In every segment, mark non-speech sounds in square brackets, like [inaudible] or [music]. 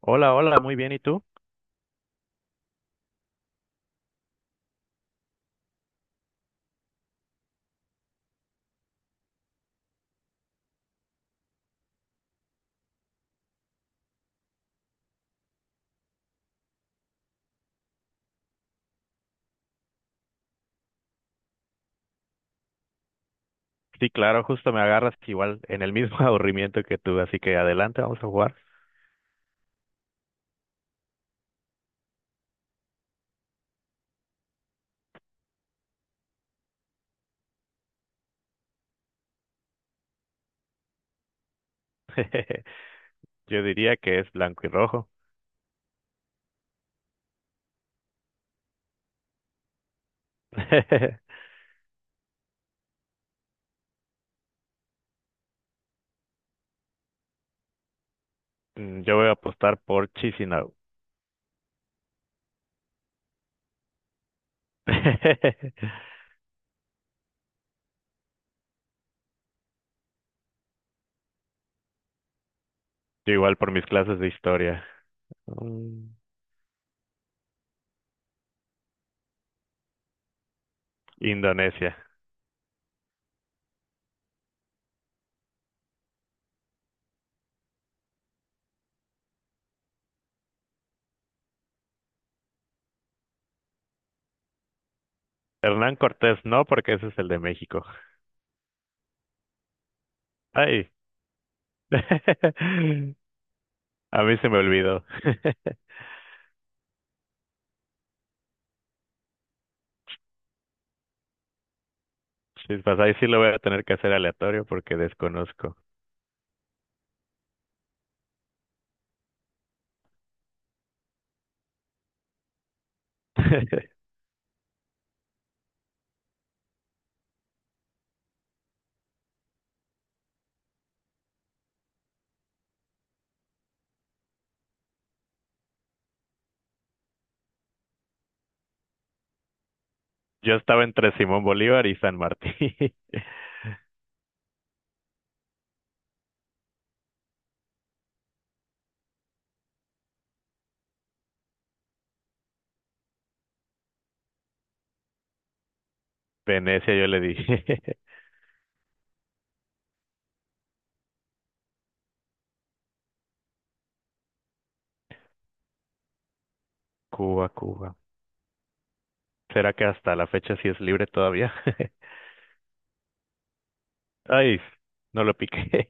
Hola, hola, muy bien, ¿y tú? Sí, claro, justo me agarras igual en el mismo [laughs] aburrimiento que tú, así que adelante, vamos a jugar. [laughs] Yo diría que es blanco y rojo. [laughs] Yo voy a apostar por Chisinau. [laughs] Yo igual por mis clases de historia. Mm, Indonesia. Hernán Cortés no, porque ese es el de México. Ay, [laughs] a mí se me olvidó. [laughs] Chispas, ahí sí lo voy a tener que hacer aleatorio porque desconozco. [laughs] Yo estaba entre Simón Bolívar y San Martín. [laughs] Venecia, yo le dije. [laughs] Cuba, Cuba. ¿Será que hasta la fecha sí es libre todavía? [laughs] Ay, no lo piqué.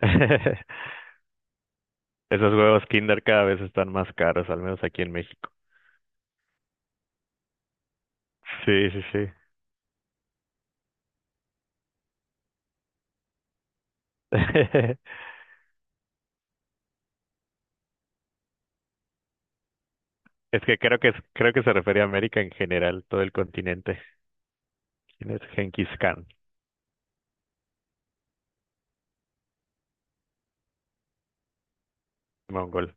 [laughs] Esos huevos Kinder cada vez están más caros, al menos aquí en México. Sí, sí, sí. [laughs] Es que creo que se refería a América en general, todo el continente. ¿Quién es Genghis Khan? Mongol.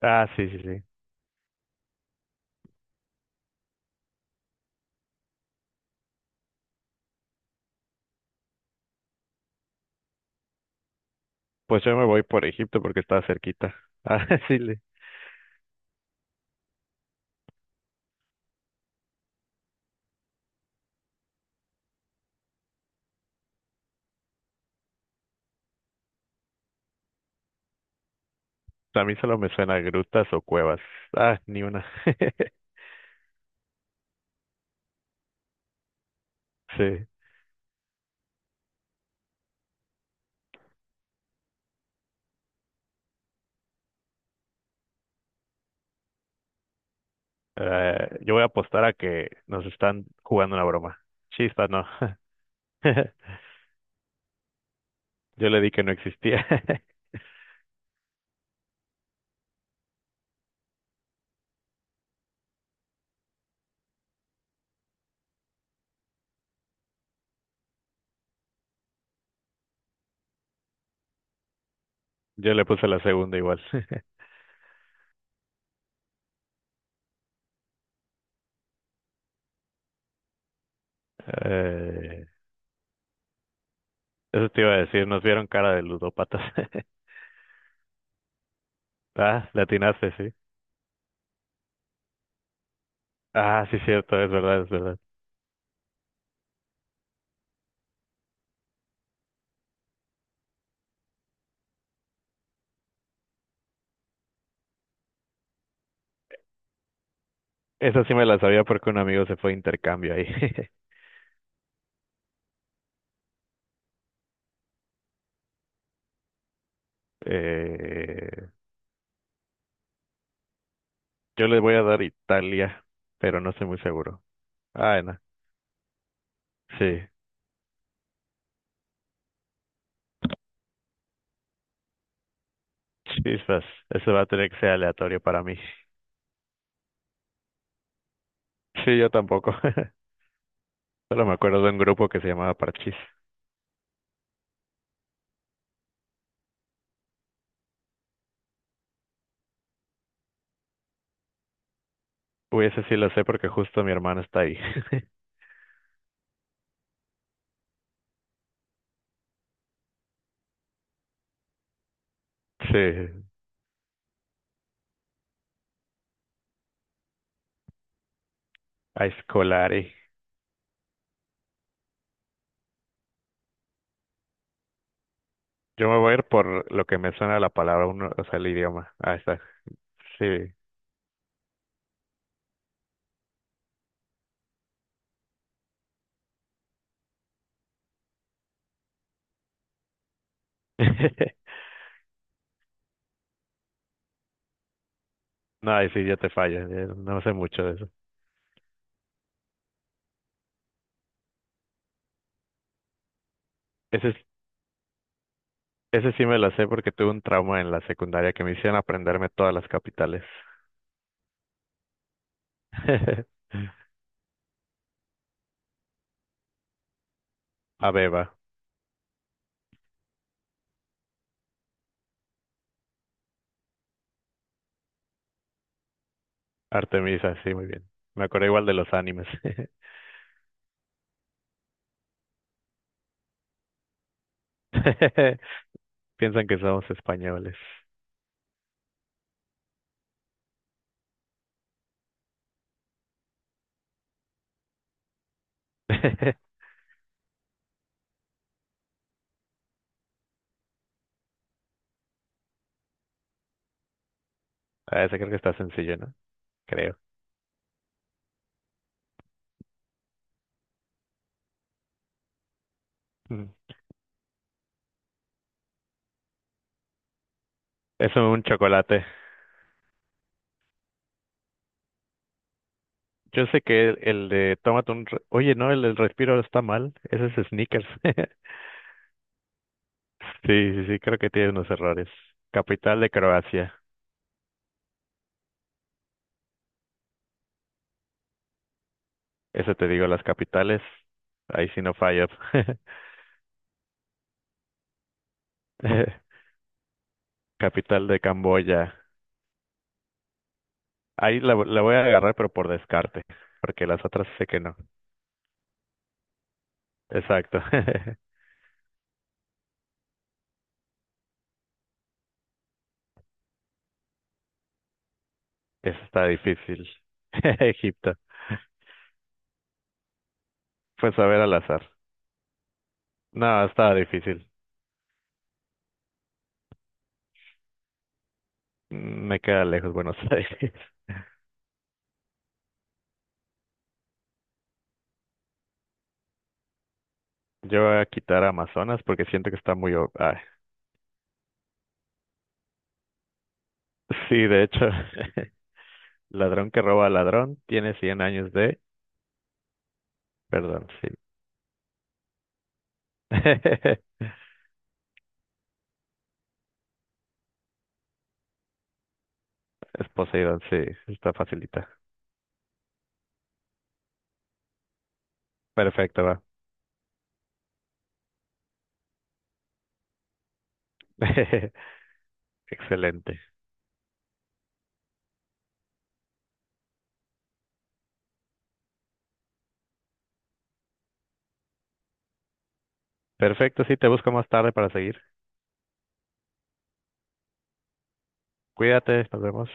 Ah, sí, sí, sí. Pues yo me voy por Egipto porque está cerquita. [laughs] Ah, sí, le- A mí solo me suena a grutas o cuevas. Ah, ni una. [laughs] Sí. Yo voy a apostar a que nos están jugando una broma. Chispa, no. [laughs] Yo le di que no existía. [laughs] Yo le puse la segunda igual. [laughs] Eh, eso te iba a decir, nos vieron cara de ludópatas. [laughs] Ah, le atinaste, sí. Ah, sí, cierto, es verdad, es verdad. Esa sí me la sabía porque un amigo se fue a intercambio ahí. [laughs] Eh, yo le voy a dar Italia, pero no estoy muy seguro. Ah, no. Sí. Chispas, eso va a tener que ser aleatorio para mí. Sí, yo tampoco. [laughs] Solo me acuerdo de un grupo que se llamaba Parchís. Uy, ese sí lo sé porque justo mi hermana está ahí. [laughs] Sí, a Scolari. Yo me voy a ir por lo que me suena la palabra, uno, o sea, el idioma. Ahí está. Sí. [laughs] No, ahí sí, ya te falla. Ya no sé mucho de eso. Ese, es- Ese sí me lo sé porque tuve un trauma en la secundaria que me hicieron aprenderme todas las capitales. [laughs] Abeba, Artemisa, sí, muy bien. Me acuerdo igual de los animes. [laughs] [laughs] Piensan que somos españoles. [laughs] A ese creo que está sencillo, ¿no? Creo. Mm. Es un chocolate. Yo sé que el de tómate un... re- Oye, no, el del respiro está mal. Ese es Snickers. [laughs] Sí, sí, sí, creo que tiene unos errores. Capital de Croacia. Eso te digo, las capitales. Ahí sí no fallas. [laughs] Capital de Camboya. Ahí la voy a agarrar, pero por descarte, porque las otras sé que no. Exacto. [laughs] Eso está difícil. [laughs] Egipto. Pues a ver al azar. No, estaba difícil. Me queda lejos Buenos [laughs] Aires. Yo voy a quitar Amazonas porque siento que está muy... o- ah. [laughs] Sí, de hecho, [laughs] ladrón que roba a ladrón tiene 100 años de... Perdón, sí. [laughs] Es Poseidón, sí, está facilita. Perfecto, va. [laughs] Excelente. Perfecto, sí, te busco más tarde para seguir. Cuídate, nos vemos.